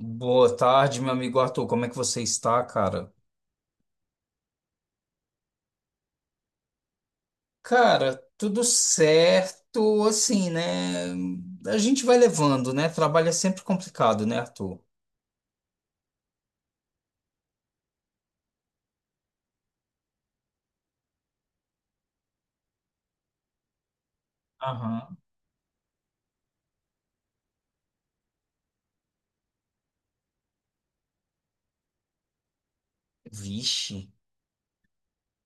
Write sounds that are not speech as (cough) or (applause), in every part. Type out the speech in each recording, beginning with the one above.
Boa tarde, meu amigo Arthur. Como é que você está, cara? Cara, tudo certo, assim, né? A gente vai levando, né? Trabalho é sempre complicado, né, Arthur? Aham. Vixe.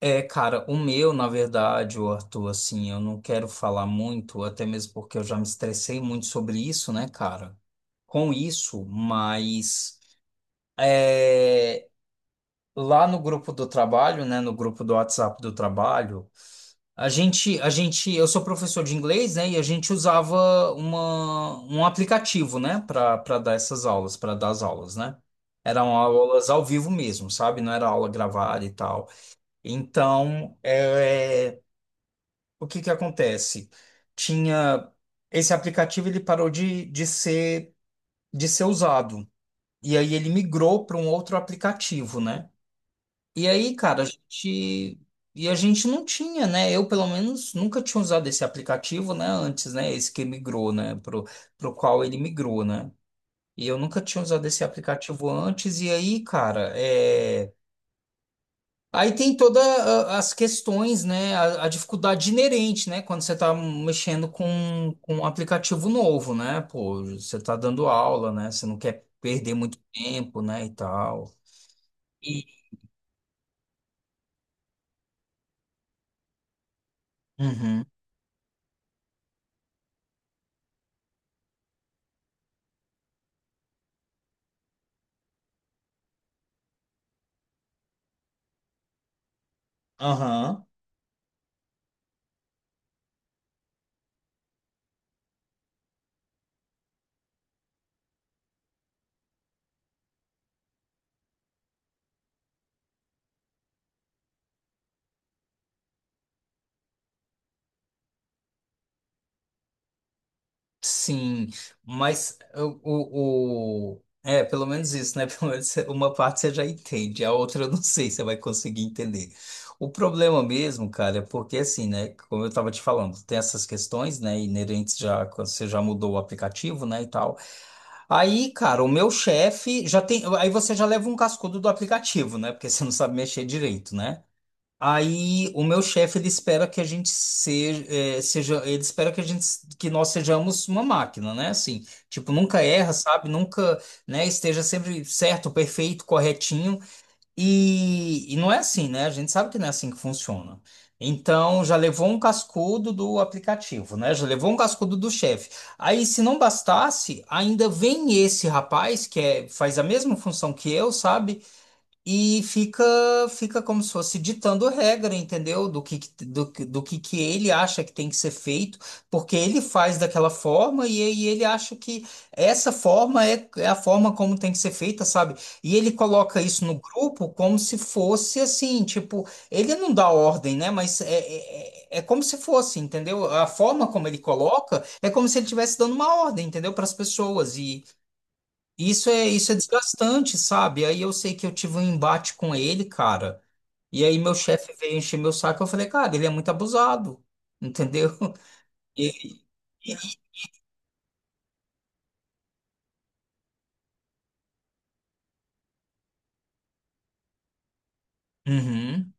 É, cara, o meu, na verdade, o Arthur, assim, eu não quero falar muito, até mesmo porque eu já me estressei muito sobre isso, né, cara? Com isso, mas é, lá no grupo do trabalho, né, no grupo do WhatsApp do trabalho. Eu sou professor de inglês, né? E a gente usava um aplicativo, né? Para dar as aulas, né? Eram aulas ao vivo mesmo, sabe? Não era aula gravada e tal. Então, o que que acontece? Tinha esse aplicativo, ele parou de ser usado. E aí ele migrou para um outro aplicativo, né? E aí, cara, a gente. E a gente não tinha, né? Eu, pelo menos, nunca tinha usado esse aplicativo, né? Antes, né? Esse que migrou, né? Pro qual ele migrou, né? E eu nunca tinha usado esse aplicativo antes. E aí, cara. Aí tem todas as questões, né? A dificuldade inerente, né? Quando você tá mexendo com um aplicativo novo, né? Pô, você tá dando aula, né? Você não quer perder muito tempo, né? E tal. E. Uhum. Aham. Sim, mas pelo menos isso, né? (laughs) Pelo menos uma parte você já entende, a outra eu não sei se você vai conseguir entender. O problema mesmo, cara, é porque assim, né? Como eu tava te falando, tem essas questões, né? Inerentes já quando você já mudou o aplicativo, né? E tal. Aí, cara, o meu chefe já tem. Aí você já leva um cascudo do aplicativo, né? Porque você não sabe mexer direito, né? Aí o meu chefe ele espera que a gente seja, seja- ele espera que a gente que nós sejamos uma máquina, né? Assim, tipo, nunca erra, sabe? Nunca, né, esteja sempre certo, perfeito, corretinho. E não é assim, né? A gente sabe que não é assim que funciona. Então, já levou um cascudo do aplicativo, né? Já levou um cascudo do chefe. Aí, se não bastasse, ainda vem esse rapaz que faz a mesma função que eu, sabe? E fica como se fosse ditando regra, entendeu? Do que que ele acha que tem que ser feito, porque ele faz daquela forma e aí ele acha que essa forma é a forma como tem que ser feita, sabe? E ele coloca isso no grupo como se fosse assim, tipo, ele não dá ordem, né? Mas é como se fosse, entendeu? A forma como ele coloca é como se ele estivesse dando uma ordem, entendeu? Para as pessoas. Isso é desgastante, sabe? Aí eu sei que eu tive um embate com ele, cara. E aí meu chefe veio encher meu saco. Eu falei, cara, ele é muito abusado, entendeu? (laughs) E- Uhum,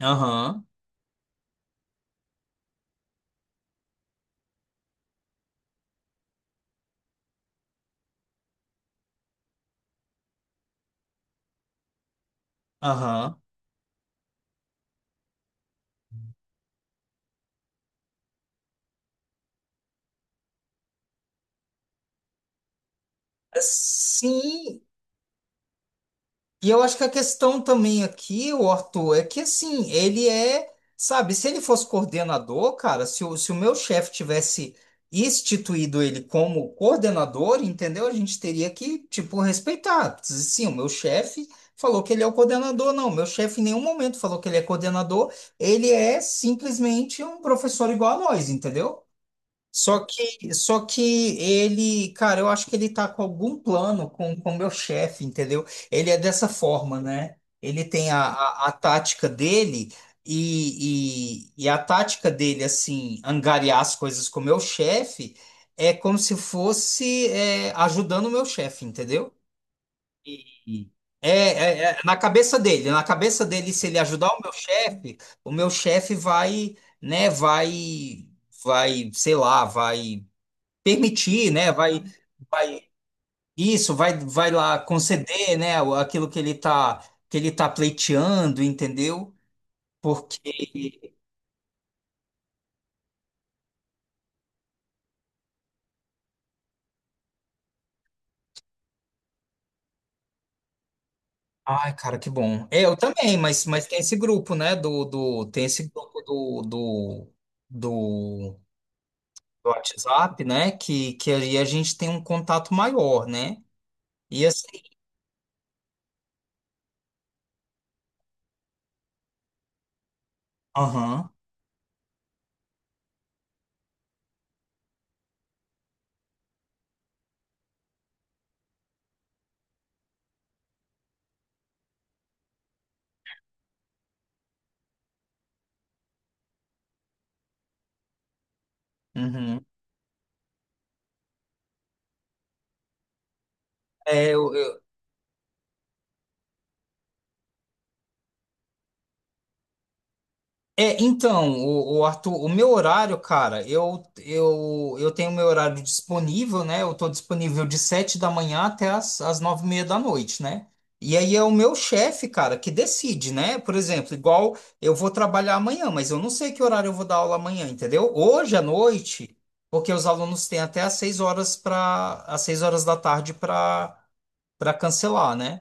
aham, aham. Sim. E eu acho que a questão também aqui, o Arthur, é que assim, sabe, se ele fosse coordenador, cara, se o meu chefe tivesse instituído ele como coordenador, entendeu? A gente teria que, tipo, respeitar. Sim, o meu chefe falou que ele é o coordenador, não, meu chefe em nenhum momento falou que ele é coordenador, ele é simplesmente um professor igual a nós, entendeu? Só que ele, cara, eu acho que ele tá com algum plano com o meu chefe, entendeu? Ele é dessa forma, né? Ele tem a tática dele e a tática dele, assim, angariar as coisas com o meu chefe é como se fosse ajudando o meu chefe, entendeu? E- é na cabeça dele, se ele ajudar o meu chefe vai, né, sei lá, vai permitir, né? Vai, vai Isso, vai lá conceder, né? Aquilo que ele tá pleiteando, entendeu? Porque, ai, cara, que bom. É, eu também, mas tem esse grupo, né? Tem esse grupo do, do WhatsApp, né? Que aí a gente tem um contato maior, né? E assim, aham, uhum. É, eu, eu- É, então, o Arthur, o meu horário, cara, eu tenho meu horário disponível, né? Eu tô disponível de 7 da manhã até as 9:30 da noite, né? E aí é o meu chefe, cara, que decide, né? Por exemplo, igual eu vou trabalhar amanhã, mas eu não sei que horário eu vou dar aula amanhã, entendeu? Hoje à noite, porque os alunos têm até às 6 horas da tarde para cancelar, né?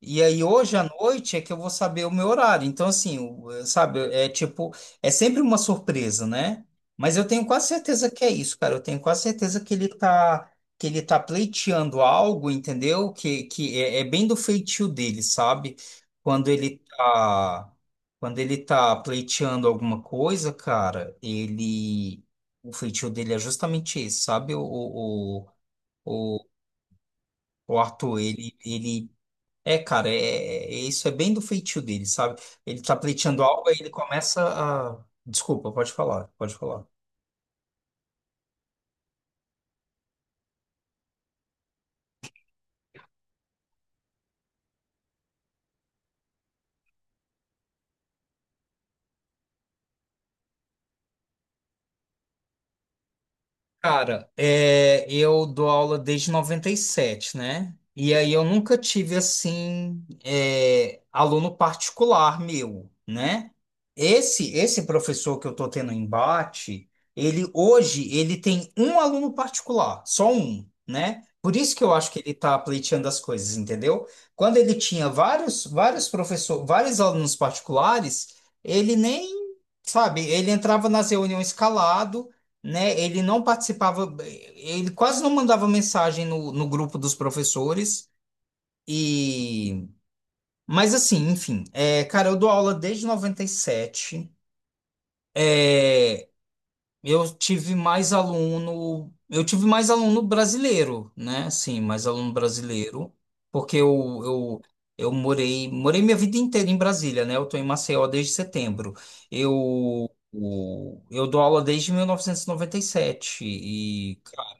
E aí hoje à noite é que eu vou saber o meu horário. Então, assim, sabe, é tipo, é sempre uma surpresa, né? Mas eu tenho quase certeza que é isso, cara. Eu tenho quase certeza que ele tá pleiteando algo, entendeu? Que é bem do feitio dele, sabe? Quando ele tá, quando ele tá pleiteando alguma coisa, cara, ele, o feitio dele é justamente esse, sabe? O, o o Arthur, cara, isso é bem do feitio dele, sabe? Ele tá pleiteando algo, aí ele começa a. Desculpa, pode falar, pode falar. Cara, eu dou aula desde 97, né? E aí eu nunca tive, assim, aluno particular meu, né? Esse professor que eu tô tendo embate, ele hoje, ele tem um aluno particular, só um, né? Por isso que eu acho que ele tá pleiteando as coisas, entendeu? Quando ele tinha vários, vários professores, vários alunos particulares, ele nem, sabe, ele entrava nas reuniões calado, né? Ele não participava, ele quase não mandava mensagem no grupo dos professores. E, mas assim, enfim, cara, eu dou aula desde 97. É, eu tive mais aluno brasileiro, né? Sim, mais aluno brasileiro, porque eu morei minha vida inteira em Brasília, né? Eu tô em Maceió desde setembro. Eu dou aula desde 1997 e noventa e sete e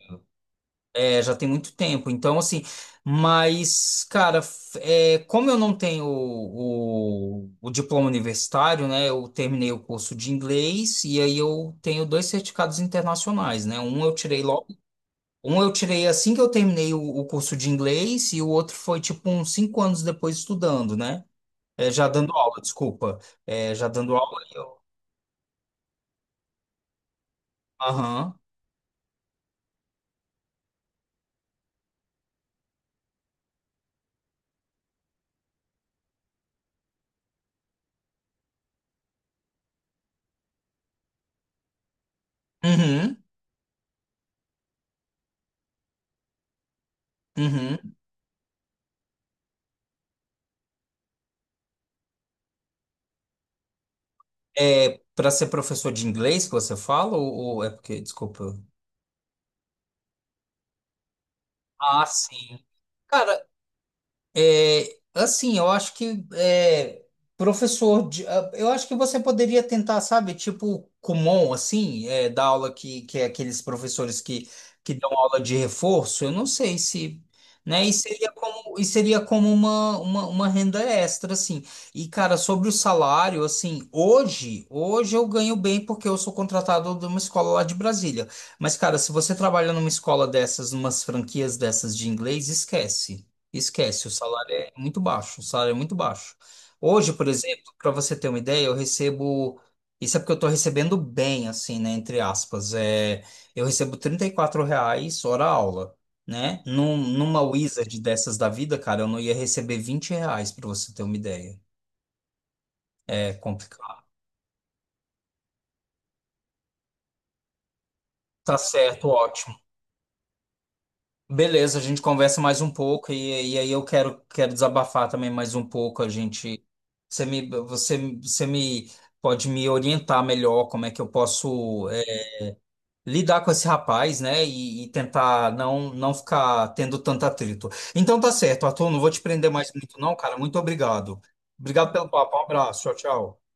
É, já tem muito tempo, então assim, mas, cara, como eu não tenho o diploma universitário, né? Eu terminei o curso de inglês e aí eu tenho dois certificados internacionais, né? Um eu tirei logo, um eu tirei assim que eu terminei o curso de inglês e o outro foi tipo uns 5 anos depois estudando, né? É, já dando aula, desculpa. É, já dando aula eu. Aham. Uhum. Uhum. É, para ser professor de inglês que você fala, ou é porque, desculpa. Ah, sim. Cara, assim, eu acho que é, professor, ah, eu acho que você poderia tentar, sabe, tipo Kumon, assim, dar aula que é aqueles professores que dão aula de reforço, eu não sei se, né, e seria como uma renda extra, assim. E, cara, sobre o salário, assim, hoje eu ganho bem porque eu sou contratado de uma escola lá de Brasília. Mas, cara, se você trabalha numa escola dessas, numas franquias dessas de inglês, esquece. Esquece, o salário é muito baixo, o salário é muito baixo. Hoje, por exemplo, para você ter uma ideia, eu recebo, isso é porque eu estou recebendo bem, assim, né, entre aspas, eu recebo R$ 34 hora aula, né? Numa Wizard dessas da vida, cara, eu não ia receber R$ 20, para você ter uma ideia. É complicado. Tá certo, ótimo. Beleza, a gente conversa mais um pouco e aí eu quero desabafar também mais um pouco. Você me pode me orientar melhor como é que eu posso lidar com esse rapaz, né? E tentar não ficar tendo tanto atrito. Então tá certo, Arthur, não vou te prender mais muito não, cara. Muito obrigado. Obrigado pelo papo, um abraço, tchau, tchau.